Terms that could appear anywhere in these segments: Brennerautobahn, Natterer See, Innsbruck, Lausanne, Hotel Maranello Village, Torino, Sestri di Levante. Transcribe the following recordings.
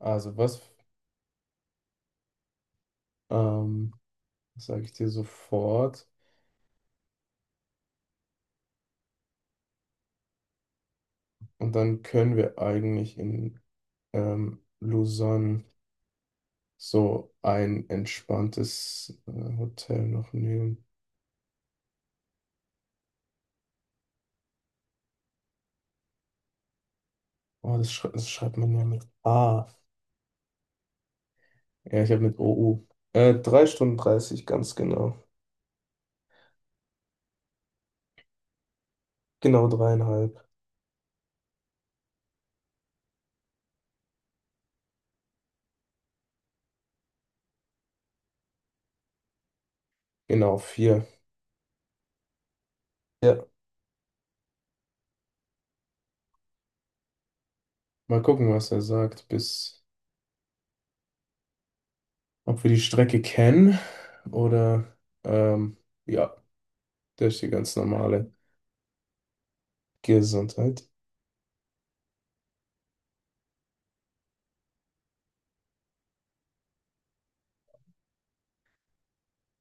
Also was, ähm, sage ich dir sofort. Und dann können wir eigentlich in Lausanne so ein entspanntes Hotel noch nehmen. Oh, das schreibt man ja mit A. Ja, ich habe mit OU. 3 Stunden 30, ganz genau. Genau dreieinhalb. Genau vier. Ja. Mal gucken, was er sagt, bis ob wir die Strecke kennen oder ähm, ja, durch die ganz normale Gesundheit.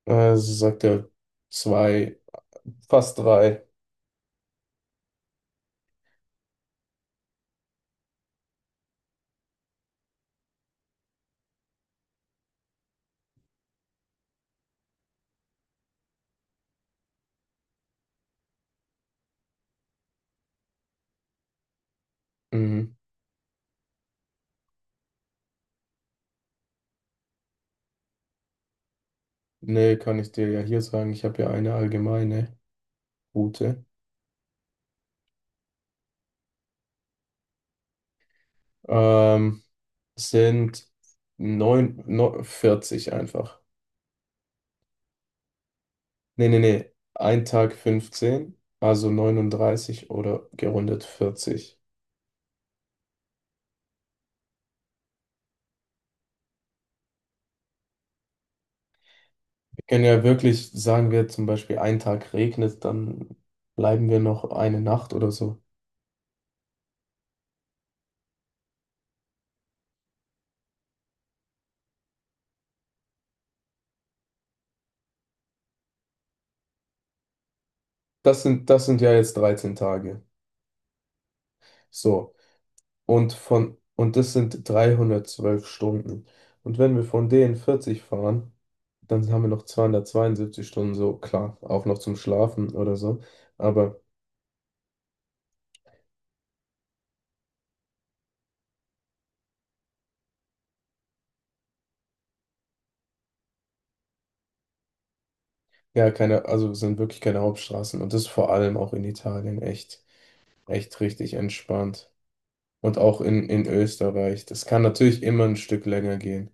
Sie sagt ja zwei, fast drei. Mhm. Nee, kann ich dir ja hier sagen. Ich habe ja eine allgemeine Route. Ähm, sind 9, 40 einfach. Nee, nee, nee. Ein Tag 15, also 39 oder gerundet 40. Wir können ja wirklich, sagen wir zum Beispiel, ein Tag regnet, dann bleiben wir noch eine Nacht oder so. Das sind ja jetzt 13 Tage. So. Und das sind 312 Stunden. Und wenn wir von denen 40 fahren, dann haben wir noch 272 Stunden, so klar, auch noch zum Schlafen oder so. Aber ja, keine, also es sind wirklich keine Hauptstraßen. Und das ist vor allem auch in Italien echt, echt richtig entspannt. Und auch in Österreich. Das kann natürlich immer ein Stück länger gehen.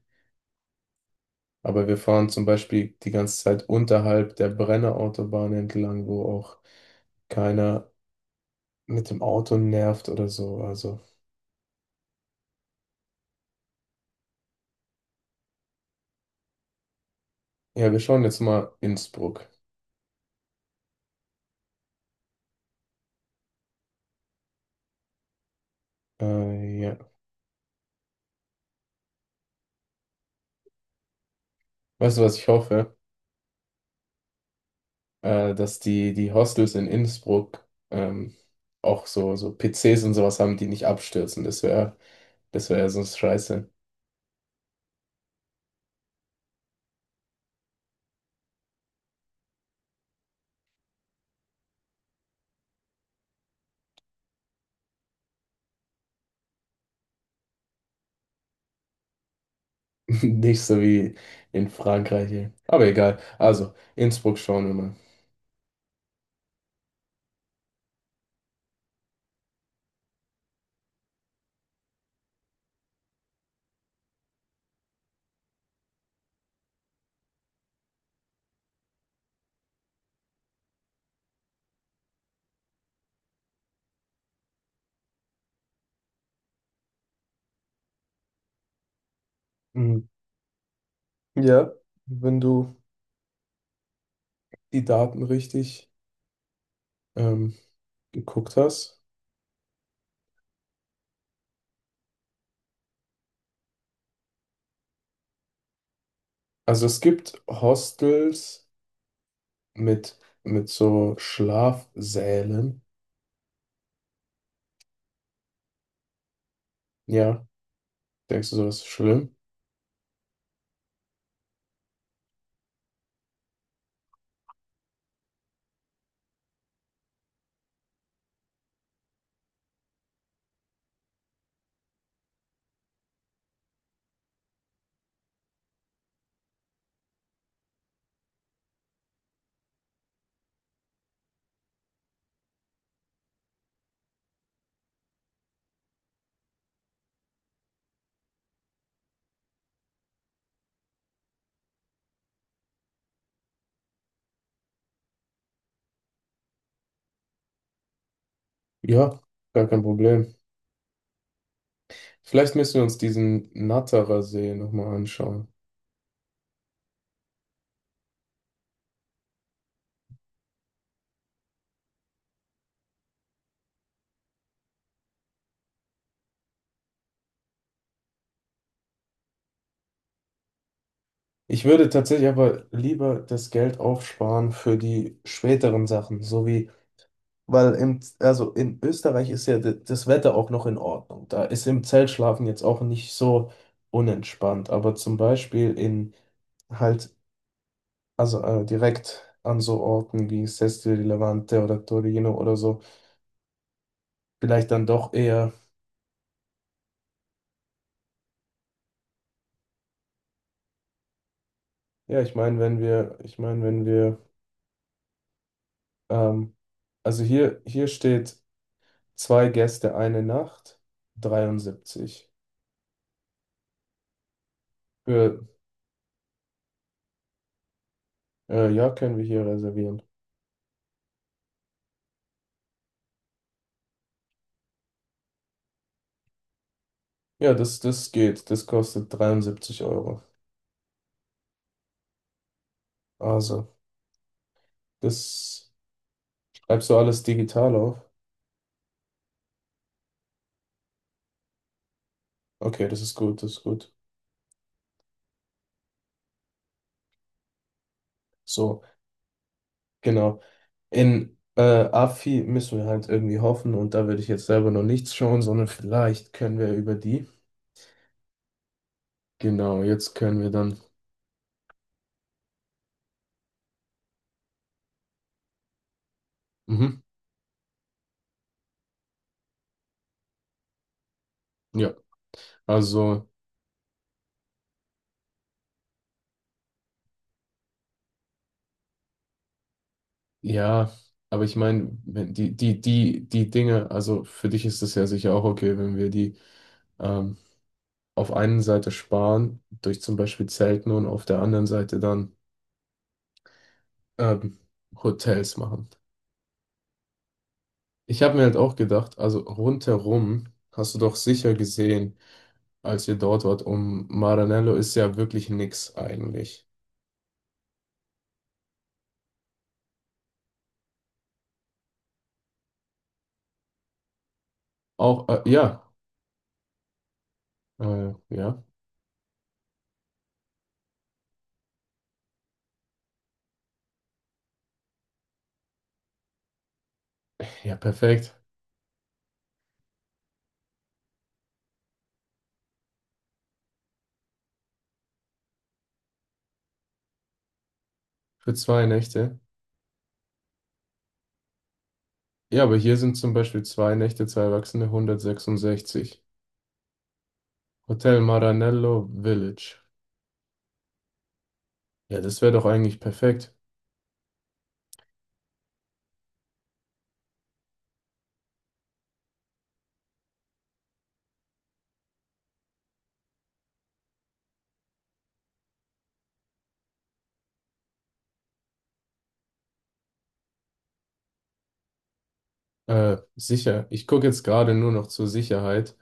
Aber wir fahren zum Beispiel die ganze Zeit unterhalb der Brennerautobahn entlang, wo auch keiner mit dem Auto nervt oder so. Also. Ja, wir schauen jetzt mal Innsbruck. Ja. Weißt du, was ich hoffe? Dass die Hostels in Innsbruck ähm, auch so PCs und sowas haben, die nicht abstürzen. Das wäre ja sonst scheiße. Nicht so wie in Frankreich hier. Aber egal. Also, Innsbruck schauen wir mal. Mhm. Ja, wenn du die Daten richtig ähm, geguckt hast. Also es gibt Hostels mit, mit so Schlafsälen. Ja. Denkst du, sowas ist schlimm? Ja, gar kein Problem. Vielleicht müssen wir uns diesen Natterer See nochmal anschauen. Ich würde tatsächlich aber lieber das Geld aufsparen für die späteren Sachen, so wie, weil im, also in Österreich ist ja das Wetter auch noch in Ordnung. Da ist im Zelt schlafen jetzt auch nicht so unentspannt. Aber zum Beispiel in halt, also direkt an so Orten wie Sestri di Levante oder Torino oder so, vielleicht dann doch eher. Ja, ich meine, wenn wir, ich meine, wenn wir, ähm, also hier steht zwei Gäste, eine Nacht, 73. Für, ja, können wir hier reservieren. Ja, das geht. Das kostet 73 Euro. Also, das schreibst du alles digital auf. Okay, das ist gut, das ist gut. So, genau. In AFI müssen wir halt irgendwie hoffen und da würde ich jetzt selber noch nichts schauen, sondern vielleicht können wir über die. Genau, jetzt können wir dann. Mhm, ja, also. Ja, aber ich meine, wenn die Dinge, also für dich ist es ja sicher auch okay, wenn wir die ähm, auf einen Seite sparen, durch zum Beispiel Zelten und auf der anderen Seite dann ähm, Hotels machen. Ich habe mir halt auch gedacht, also rundherum hast du doch sicher gesehen, als ihr dort wart, um Maranello ist ja wirklich nix eigentlich. Auch, ja, ja, ja, perfekt. Für zwei Nächte. Ja, aber hier sind zum Beispiel zwei Nächte, zwei Erwachsene, 166. Hotel Maranello Village. Ja, das wäre doch eigentlich perfekt. Sicher. Ich gucke jetzt gerade nur noch zur Sicherheit.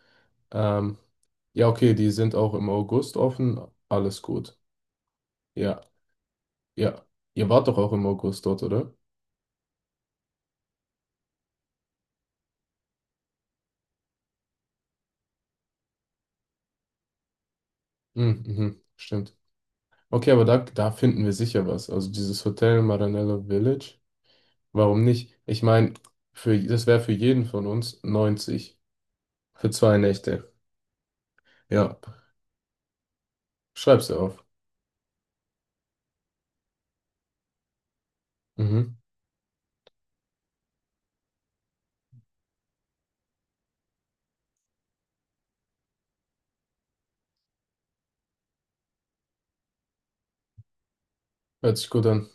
Ähm, ja, okay, die sind auch im August offen. Alles gut. Ja, ja. Ihr wart doch auch im August dort, oder? Mhm, mhm, stimmt. Okay, aber da finden wir sicher was. Also dieses Hotel Maranello Village. Warum nicht? Ich meine, für, das wäre für jeden von uns 90 für zwei Nächte. Ja, schreib's dir auf. Mhm. Hört sich gut an.